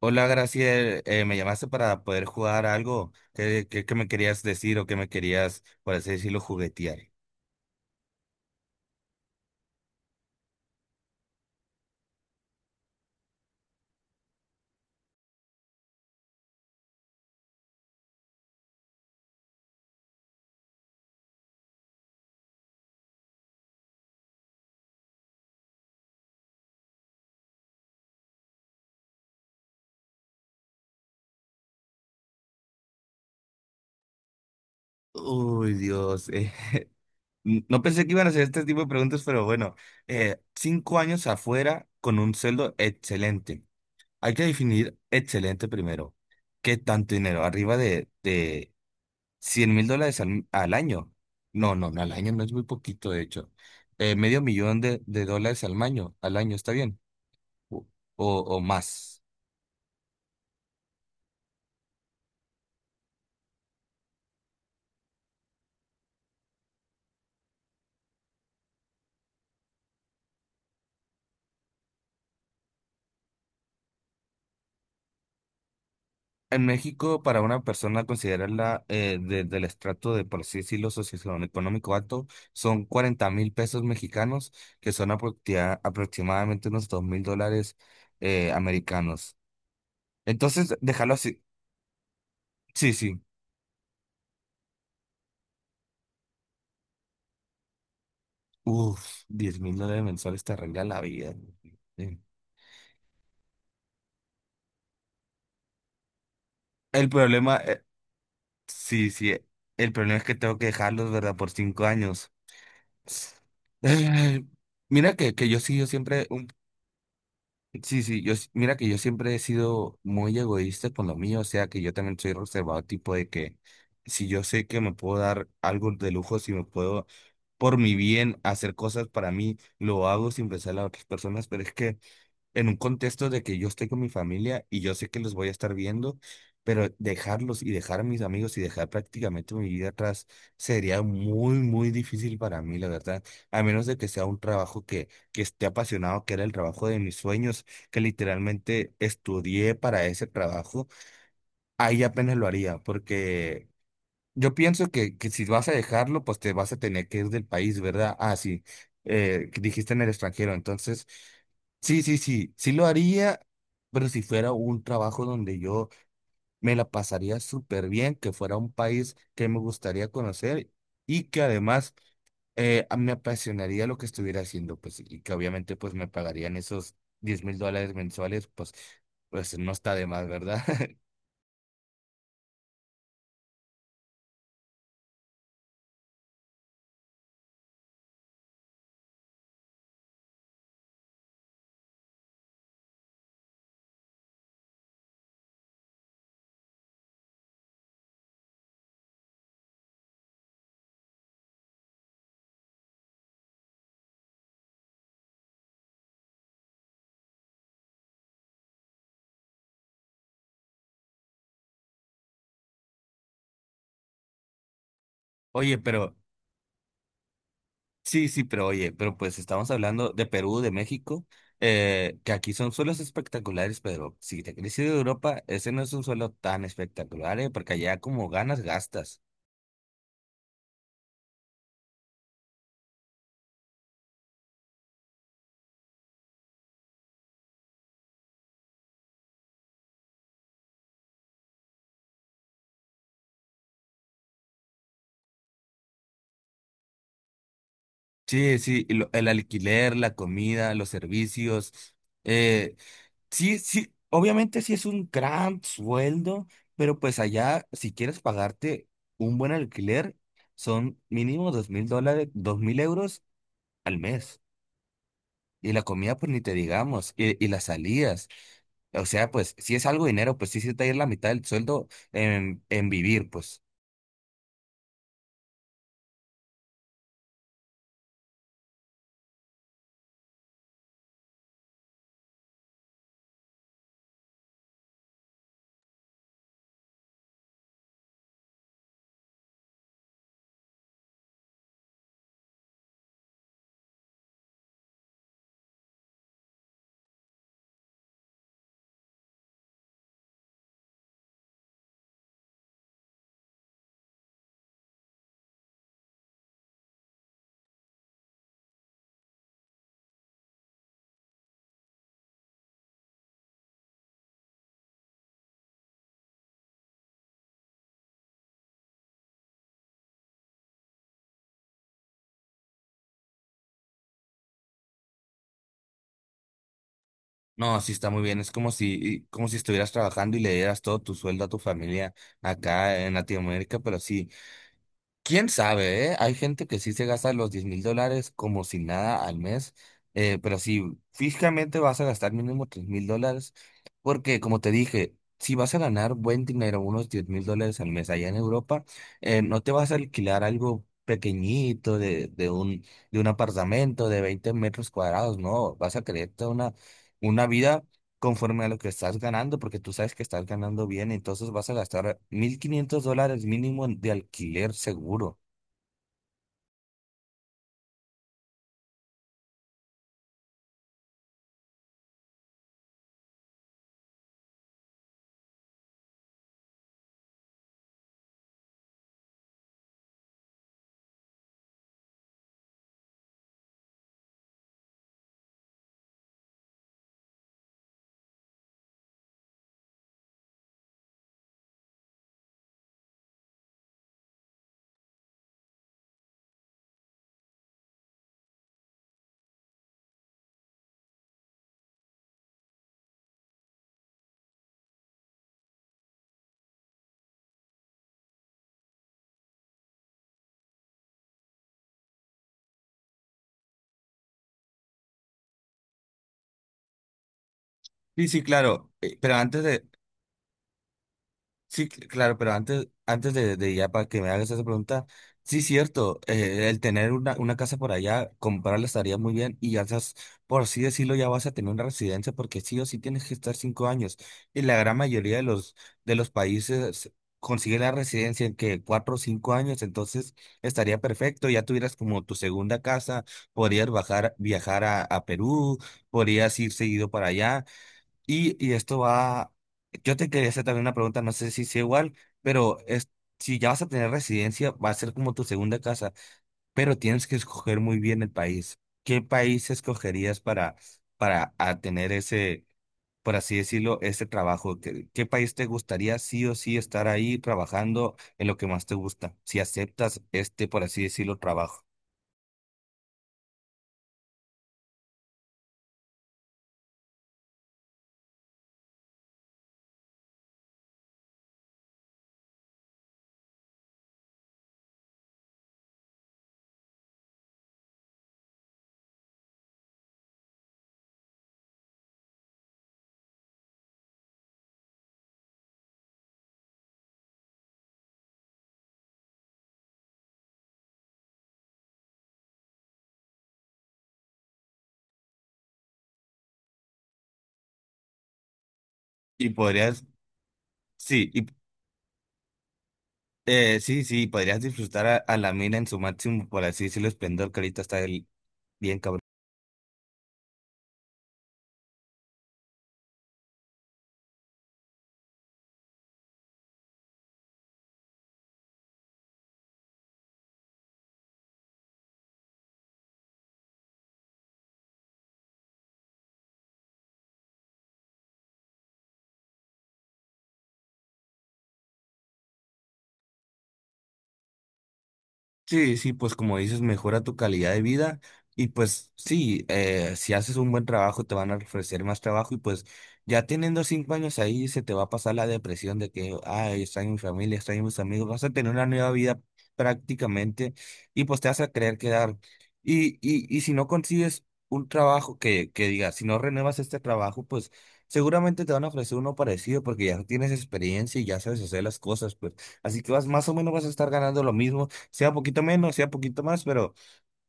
Hola, Graciel, me llamaste para poder jugar algo. ¿Qué me querías decir o qué me querías, por así decirlo, juguetear? Uy, Dios. No pensé que iban a hacer este tipo de preguntas, pero bueno, 5 años afuera con un sueldo excelente. Hay que definir excelente primero. ¿Qué tanto dinero? Arriba de 100.000 dólares al año. No, no, no, al año no es muy poquito, de hecho. Medio millón de dólares al año, ¿está bien? O, más. En México, para una persona considerarla, del estrato de, por así decirlo, socioeconómico alto, son 40.000 pesos mexicanos, que son aproximadamente unos 2000 dólares americanos. Entonces, déjalo así. Sí, sí. Uf, diez mil dólares mensuales te arregla la vida. Sí. El problema, sí, sí. El problema es que tengo que dejarlos, ¿verdad? Por 5 años. Mira que yo sí, yo siempre. Sí, sí, mira que yo siempre he sido muy egoísta con lo mío, o sea que yo también soy reservado, tipo de que si yo sé que me puedo dar algo de lujo, si me puedo por mi bien hacer cosas para mí, lo hago sin pensar en las otras personas, pero es que en un contexto de que yo estoy con mi familia y yo sé que los voy a estar viendo, pero dejarlos y dejar a mis amigos y dejar prácticamente mi vida atrás sería muy, muy difícil para mí, la verdad. A menos de que sea un trabajo que esté apasionado, que era el trabajo de mis sueños, que literalmente estudié para ese trabajo, ahí apenas lo haría, porque. Yo pienso que si vas a dejarlo, pues te vas a tener que ir del país, ¿verdad? Ah, sí, que dijiste en el extranjero. Entonces, sí, sí, sí, sí lo haría, pero si fuera un trabajo donde yo me la pasaría súper bien, que fuera un país que me gustaría conocer y que además, me apasionaría lo que estuviera haciendo, pues, y que obviamente pues me pagarían esos 10.000 dólares mensuales, pues, pues no está de más, ¿verdad? Oye, pero. Sí, sí, pero oye, pero pues estamos hablando de Perú, de México, que aquí son suelos espectaculares, pero si te quieres ir de Europa, ese no es un suelo tan espectacular, porque allá como ganas, gastas. Sí, sí, y el alquiler, la comida, los servicios. Eh, sí, sí, obviamente sí es un gran sueldo, pero pues allá, si quieres pagarte un buen alquiler, son mínimo 2000 dólares, 2000 euros al mes. Y la comida, pues ni te digamos, y las salidas. O sea, pues si es algo de dinero, pues sí se te va a ir la mitad del sueldo en vivir, pues. No, sí está muy bien. Es como si estuvieras trabajando y le dieras todo tu sueldo a tu familia acá en Latinoamérica, pero sí. Quién sabe, ¿eh? Hay gente que sí se gasta los 10.000 dólares como si nada al mes, pero si físicamente vas a gastar mínimo 3000 dólares, porque como te dije, si vas a ganar buen dinero, unos 10.000 dólares al mes allá en Europa, no te vas a alquilar algo pequeñito de un apartamento de 20 metros cuadrados, no, vas a creerte una vida conforme a lo que estás ganando, porque tú sabes que estás ganando bien, entonces vas a gastar 1500 dólares mínimo de alquiler seguro. Sí, sí, claro. Sí, claro, pero antes de ya para que me hagas esa pregunta, sí, cierto, el tener una casa por allá, comprarla estaría muy bien y ya estás, por así decirlo, ya vas a tener una residencia porque sí o sí tienes que estar 5 años y la gran mayoría de los países consigue la residencia en que 4 o 5 años, entonces estaría perfecto, ya tuvieras como tu segunda casa, podrías bajar, viajar a Perú, podrías ir seguido para allá. Y esto va, yo te quería hacer también una pregunta, no sé si sea igual, pero es, si ya vas a tener residencia, va a ser como tu segunda casa, pero tienes que escoger muy bien el país. ¿Qué país escogerías para a tener ese, por así decirlo, ese trabajo? ¿Qué país te gustaría sí o sí estar ahí trabajando en lo que más te gusta, si aceptas este, por así decirlo, trabajo? Y podrías, sí, y sí, sí, podrías disfrutar a la mina en su máximo, por así decirlo, esplendor que ahorita está Bien, cabrón. Sí, sí, pues como dices, mejora tu calidad de vida y pues sí, si haces un buen trabajo te van a ofrecer más trabajo y pues ya teniendo 5 años ahí se te va a pasar la depresión de que, ay, extraño mi familia, extraño mis amigos, vas a tener una nueva vida prácticamente y pues te vas a querer quedar. Y si no consigues un trabajo que diga, si no renuevas este trabajo, pues seguramente te van a ofrecer uno parecido porque ya tienes experiencia y ya sabes hacer las cosas, pues así que vas más o menos vas a estar ganando lo mismo, sea poquito menos, sea poquito más, pero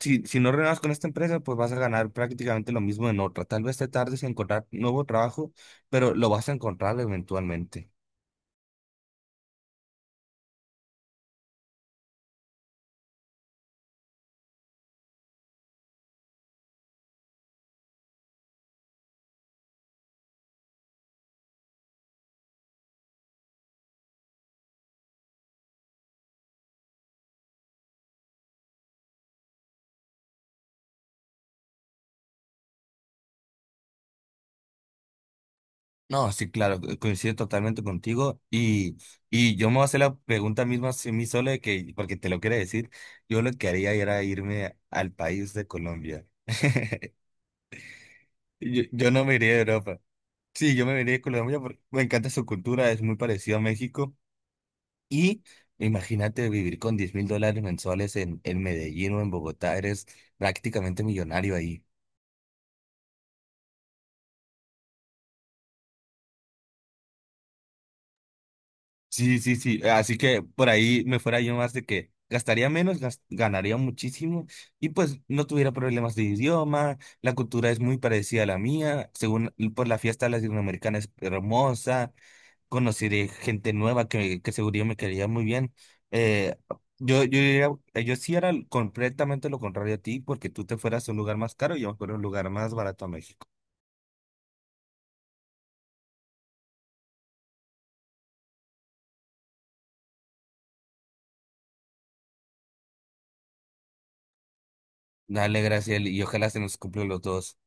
si no renuevas con esta empresa, pues vas a ganar prácticamente lo mismo en otra. Tal vez te tardes en encontrar nuevo trabajo, pero lo vas a encontrar eventualmente. No, sí, claro, coincido totalmente contigo, y yo me voy a hacer la pregunta misma a mí solo de que, porque te lo quiero decir, yo lo que haría era irme al país de Colombia. Yo no me iría a Europa. Sí, yo me iría a Colombia porque me encanta su cultura, es muy parecido a México. Y imagínate vivir con 10.000 dólares mensuales en Medellín o en Bogotá, eres prácticamente millonario ahí. Sí, sí, sí. Así que por ahí me fuera yo más de que gastaría menos, ganaría muchísimo y pues no tuviera problemas de idioma. La cultura es muy parecida a la mía. Según por la fiesta latinoamericana es hermosa. Conocí de gente nueva que seguro me quería muy bien. Eh, yo sí era completamente lo contrario a ti, porque tú te fueras a un lugar más caro y yo me fuera a un lugar más barato a México. Dale, gracias, y ojalá se nos cumplan los dos.